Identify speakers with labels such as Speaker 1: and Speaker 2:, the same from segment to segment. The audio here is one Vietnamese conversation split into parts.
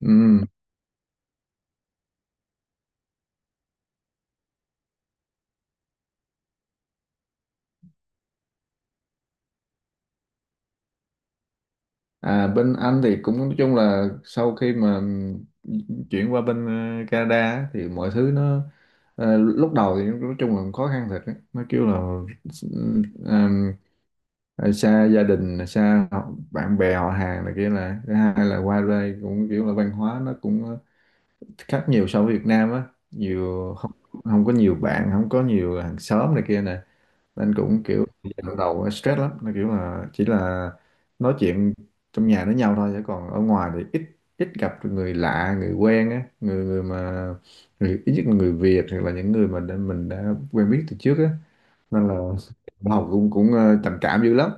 Speaker 1: Ừ. À, bên Anh thì cũng nói chung là sau khi mà chuyển qua bên Canada á, thì mọi thứ nó lúc đầu thì nói chung là khó khăn thật á. Nó kêu là ừm, ờ, xa gia đình, xa bạn bè họ hàng này kia, là thứ hai là qua đây cũng kiểu là văn hóa nó cũng khác nhiều so với Việt Nam á, nhiều không, không có nhiều bạn, không có nhiều hàng xóm này kia nè, nên cũng kiểu lúc đầu stress lắm, nó kiểu là chỉ là nói chuyện trong nhà với nhau thôi, chứ còn ở ngoài thì ít ít gặp được người lạ người quen á, người người mà người ít nhất là người Việt, hoặc là những người mà mình đã quen biết từ trước á, nên là học cũng cũng trầm cảm dữ lắm.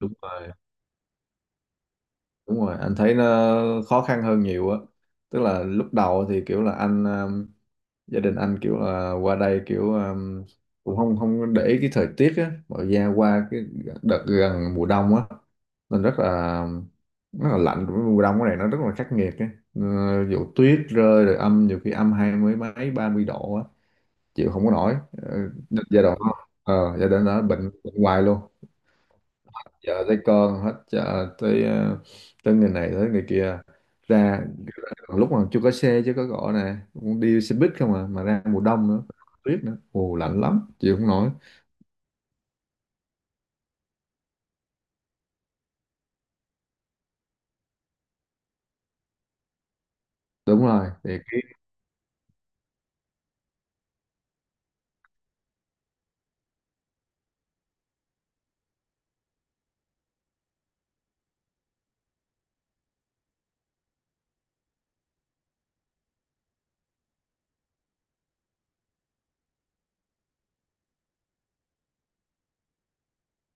Speaker 1: Đúng rồi, đúng rồi, anh thấy nó khó khăn hơn nhiều á. Tức là lúc đầu thì kiểu là anh gia đình anh kiểu là qua đây kiểu cũng không không để ý cái thời tiết á, mà ra qua cái đợt gần mùa đông á, nên rất là lạnh. Mùa đông cái này nó rất là khắc nghiệt á. Ờ, vụ tuyết rơi, rồi âm, nhiều khi âm hai mươi mấy ba mươi độ á, chịu không có nổi. Ờ, giai đoạn đó, bệnh hoài luôn. Vợ tới con, hết chợ tới tới người này tới người kia ra. Lúc mà chưa có xe, chứ có cọ nè cũng đi xe buýt không à, mà ra mùa đông nữa, tuyết nữa, ồ lạnh lắm, chịu không nổi. Đúng rồi, thì cái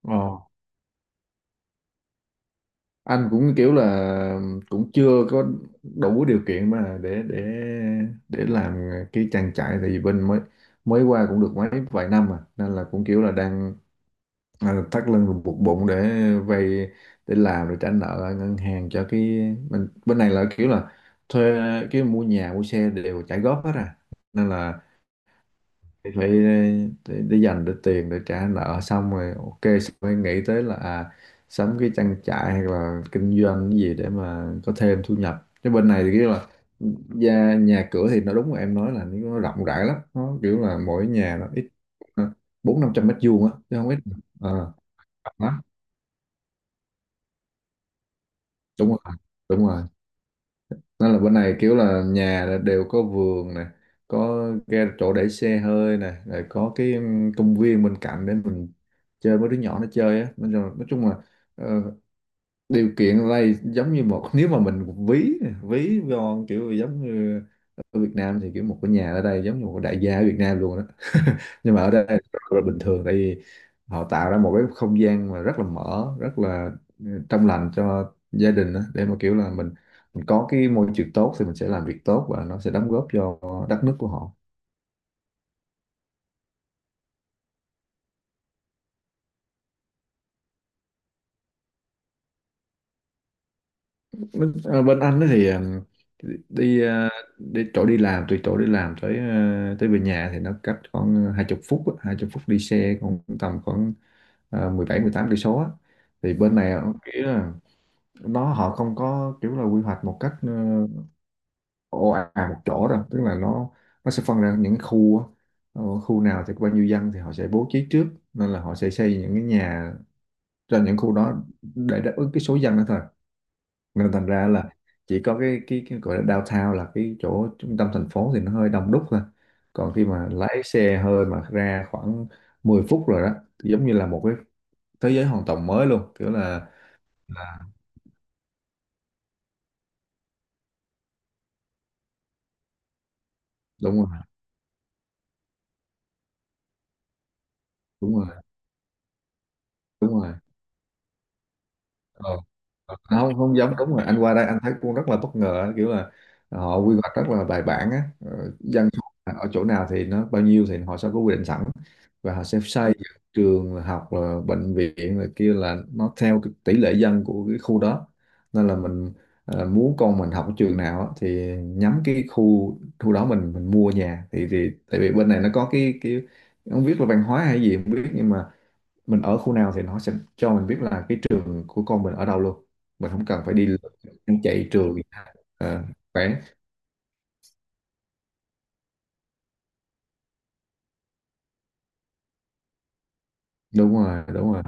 Speaker 1: ờ, anh cũng kiểu là cũng chưa có đủ điều kiện mà để làm cái trang trại, tại vì bên mới, mới qua cũng được mấy vài năm mà, nên là cũng kiểu là đang thắt lưng rồi buộc bụng để vay, để làm, để trả nợ ở ngân hàng cho cái mình. Bên này là kiểu là thuê, cái mua nhà mua xe đều trả góp hết à, nên là phải phải để dành để tiền để trả nợ xong, rồi ok xong mới nghĩ tới là sắm cái trang trại hay là kinh doanh cái gì để mà có thêm thu nhập. Chứ bên này thì kiểu là nhà cửa thì nó đúng là em nói, là nó rộng rãi lắm, nó kiểu là mỗi nhà nó ít bốn năm trăm mét vuông á chứ không ít. Ờ, đúng rồi, đúng rồi, nên là bên này kiểu là nhà là đều có vườn nè, có ga chỗ để xe hơi nè, rồi có cái công viên bên cạnh để mình chơi, với đứa nhỏ nó chơi á. Nói chung là ờ, điều kiện ở đây giống như một, nếu mà mình ví ví von kiểu giống như ở Việt Nam, thì kiểu một cái nhà ở đây giống như một đại gia ở Việt Nam luôn đó. Nhưng mà ở đây rất là bình thường, tại vì họ tạo ra một cái không gian mà rất là mở, rất là trong lành cho gia đình đó, để mà kiểu là mình có cái môi trường tốt thì mình sẽ làm việc tốt, và nó sẽ đóng góp cho đất nước của họ. Bên anh ấy thì đi đi chỗ đi làm, từ chỗ đi làm tới tới về nhà thì nó cách khoảng 20 phút á, 20 phút đi xe, còn tầm khoảng 17-18 cây số á. Thì bên này kiểu là họ không có kiểu là quy hoạch một cách ồ ạt một chỗ đâu, tức là nó sẽ phân ra những khu á. Ờ, khu nào thì có bao nhiêu dân thì họ sẽ bố trí trước, nên là họ sẽ xây những cái nhà cho những khu đó để đáp ứng cái số dân đó thôi. Nên thành ra là chỉ có cái gọi là downtown, là cái chỗ trung tâm thành phố thì nó hơi đông đúc thôi. Còn khi mà lái xe hơi mà ra khoảng 10 phút rồi đó, thì giống như là một cái thế giới hoàn toàn mới luôn, kiểu là. Đúng rồi, đúng rồi, đúng rồi. Ờ. Không, không giống, đúng rồi, anh qua đây anh thấy cũng rất là bất ngờ, kiểu là họ quy hoạch rất là bài bản á. Ờ, dân số là ở chỗ nào thì nó bao nhiêu thì họ sẽ có quy định sẵn, và họ sẽ xây dựng trường học rồi bệnh viện rồi kia, là nó theo cái tỷ lệ dân của cái khu đó. Nên là mình muốn con mình học ở trường nào á, thì nhắm cái khu khu đó mình mua nhà, thì tại vì bên này nó có cái không biết là văn hóa hay gì không biết, nhưng mà mình ở khu nào thì nó sẽ cho mình biết là cái trường của con mình ở đâu luôn, mình không cần phải đi lượn, chạy trường à, khoảng. Đúng rồi, đúng rồi,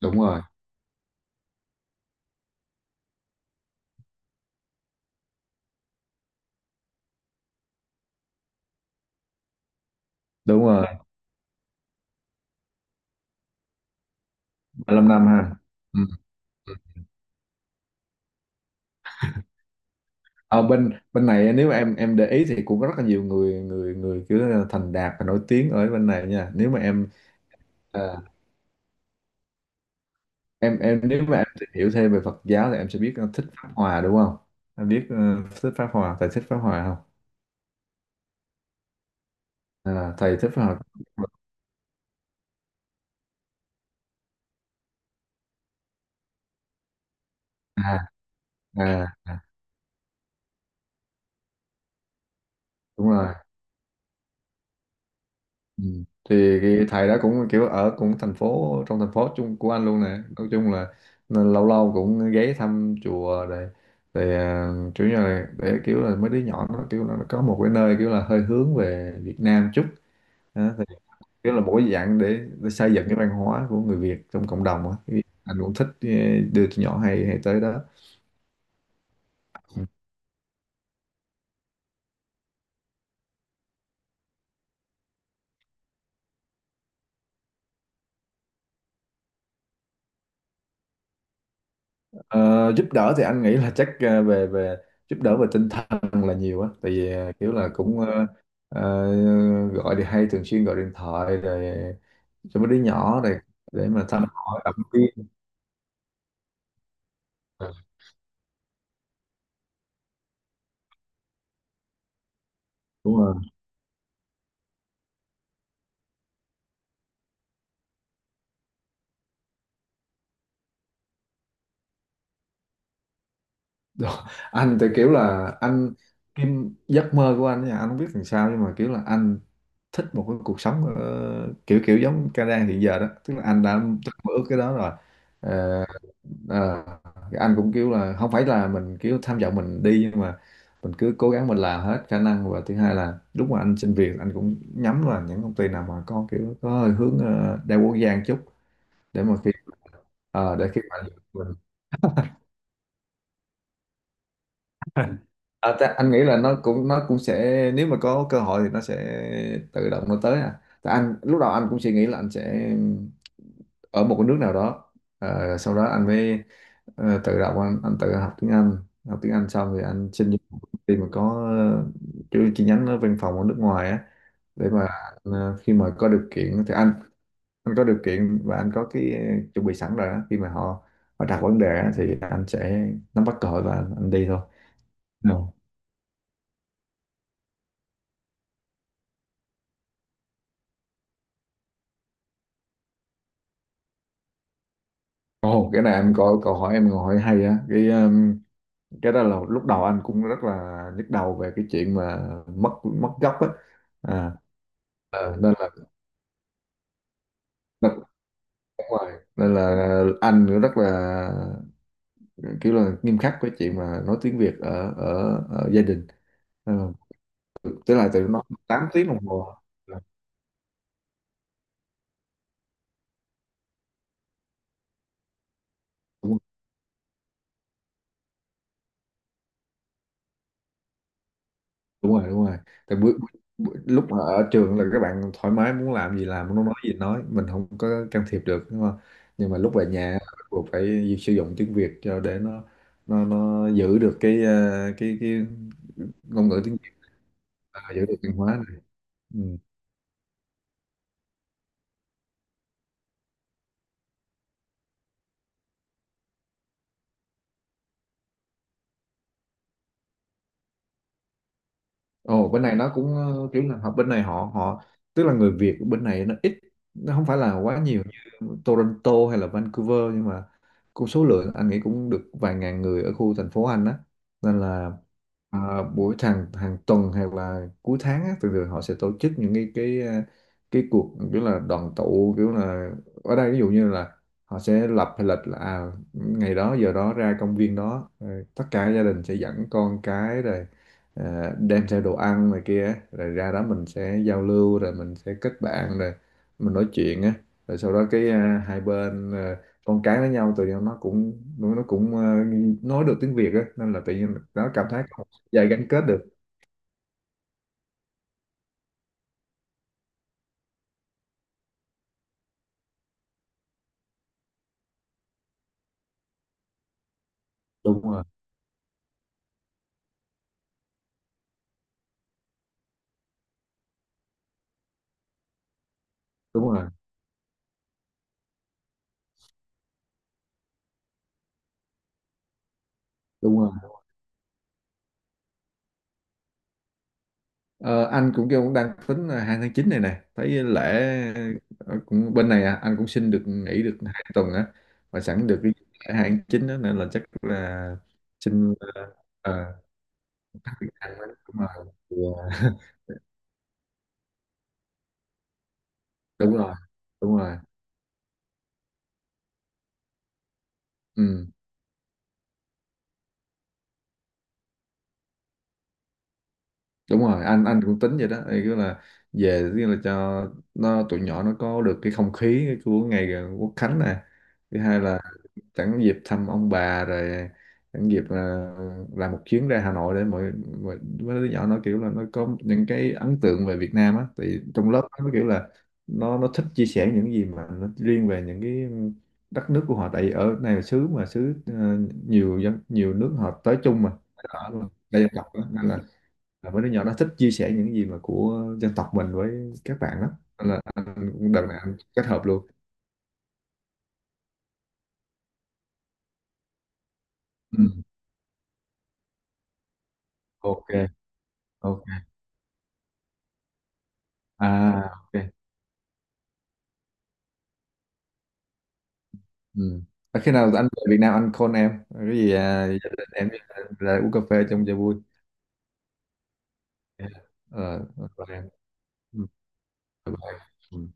Speaker 1: đúng rồi, đúng rồi, 35 năm ha. Ừ. Ở bên bên này nếu mà em để ý thì cũng có rất là nhiều người người người kiểu là thành đạt và nổi tiếng ở bên này nha, nếu mà em à, nếu mà em tìm hiểu thêm về Phật giáo thì em sẽ biết thích Pháp Hòa đúng không, em biết thích Pháp Hòa, thầy thích Pháp Hòa không? À, thầy thích Pháp Hòa. à, à, đúng rồi. Ừ. Thì cái thầy đó cũng kiểu ở cũng thành phố, trong thành phố chung của anh luôn nè, nói chung là nên lâu lâu cũng ghé thăm chùa rồi để chủ, như là để kiểu là mấy đứa nhỏ nó kiểu là nó có một cái nơi kiểu là hơi hướng về Việt Nam chút đó, thì kiểu là mỗi dạng để xây dựng cái văn hóa của người Việt trong cộng đồng á. Cái anh cũng thích đưa tụi nhỏ hay hay tới đó. Ờ, giúp đỡ thì anh nghĩ là chắc về về giúp đỡ về tinh thần là nhiều á, tại vì kiểu là cũng ờ, gọi thì hay thường xuyên gọi điện thoại rồi cho mấy đứa nhỏ này, để mà thăm hỏi, động viên. Ờ, đúng rồi. Đó. Anh thì kiểu là anh, cái giấc mơ của anh nha, anh không biết làm sao nhưng mà kiểu là anh thích một cái cuộc sống kiểu kiểu giống Canada hiện giờ đó, tức là anh đã mơ ước cái đó rồi. Ờ, Ờ, thì anh cũng kiểu là không phải là mình kiểu tham vọng mình đi, nhưng mà mình cứ cố gắng mình làm hết khả năng, và thứ hai là lúc mà anh xin việc anh cũng nhắm là những công ty nào mà có kiểu có hơi hướng đa quốc gia một chút, để mà khi để khi mà mình. Anh nghĩ là nó cũng sẽ, nếu mà có cơ hội thì nó sẽ tự động nó tới à. Tại anh lúc đầu anh cũng suy nghĩ là anh sẽ ở một cái nước nào đó. Ờ, sau đó anh mới tự đọc anh tự học tiếng Anh. Học tiếng Anh xong thì anh xin vô một công ty mà có chi chi nhánh ở văn phòng ở nước ngoài á, để mà khi mà có điều kiện thì anh có điều kiện và anh có cái chuẩn bị sẵn rồi á, khi mà họ họ đặt vấn đề á, thì anh sẽ nắm bắt cơ hội và anh đi thôi. No. Ồ, cái này em có câu hỏi em hỏi hay á, cái cái đó là lúc đầu anh cũng rất là nhức đầu về cái chuyện mà mất mất gốc á. à, nên nó cũng đúng rồi, nên là anh cũng rất là kiểu là nghiêm khắc với chuyện mà nói tiếng Việt ở ở gia đình. Nên là, tức là tụi nó 8 tiếng đồng hồ là. Đúng, đúng rồi, đúng rồi. Tại lúc mà ở trường là các bạn thoải mái muốn làm gì làm, muốn nói gì nói, mình không có can thiệp được đúng không, nhưng mà lúc về nhà bắt buộc phải sử dụng tiếng Việt, cho để nó giữ được cái cái ngôn ngữ tiếng Việt và giữ được văn hóa này. Ừ. Ồ, bên này nó cũng kiểu là bên này họ họ tức là người Việt bên này nó ít, nó không phải là quá nhiều Toronto hay là Vancouver, nhưng mà cũng số lượng anh nghĩ cũng được vài ngàn người ở khu thành phố anh á. Nên là hàng hàng tuần hay là cuối tháng á, thường thường họ sẽ tổ chức những cái cái cuộc kiểu là đoàn tụ, kiểu là ở đây ví dụ như là họ sẽ lập hay lịch là ngày đó giờ đó ra công viên đó, rồi tất cả gia đình sẽ dẫn con cái rồi đem theo đồ ăn này kia, rồi ra đó mình sẽ giao lưu, rồi mình sẽ kết bạn, rồi mình nói chuyện á. Rồi sau đó cái hai bên con cái với nhau tự nhiên nó cũng nói được tiếng Việt á, nên là tự nhiên nó cảm thấy có một sợi dây gắn kết được. Đúng rồi, đúng rồi, đúng rồi. Ờ, anh cũng kêu cũng đang tính là 2 tháng 9 này nè, thấy lễ cũng bên này anh cũng xin được nghỉ được 2 tuần á, và sẵn được cái lễ 2 tháng 9 đó, nên là chắc là xin ờ, anh ấy, đúng rồi. Đúng rồi, đúng rồi, ừ, đúng rồi, anh cũng tính vậy đó. Thì cứ là về, tức là cho tụi nhỏ nó có được cái không khí của ngày Quốc Khánh này, thứ hai là sẵn dịp thăm ông bà rồi, sẵn dịp là làm một chuyến ra Hà Nội, để mọi mấy đứa nhỏ nó kiểu là nó có những cái ấn tượng về Việt Nam á, thì trong lớp nó kiểu là nó thích chia sẻ những gì mà nó riêng về những cái đất nước của họ, tại vì ở này là xứ nhiều dân nhiều nước họ tới chung mà ở đây là Cộng á, nên là mấy đứa nhỏ nó thích chia sẻ những gì mà của dân tộc mình với các bạn lắm. Nên là anh đợt này anh kết hợp luôn. Ừ. Ok. Ok. À. Ok. Ừ. À, khi nào anh về Việt Nam anh call em cái gì gia đình em ra uống cà phê trong cho vui. Dạ. Ờ, bye em. Ừ. Bye bye. Ừ.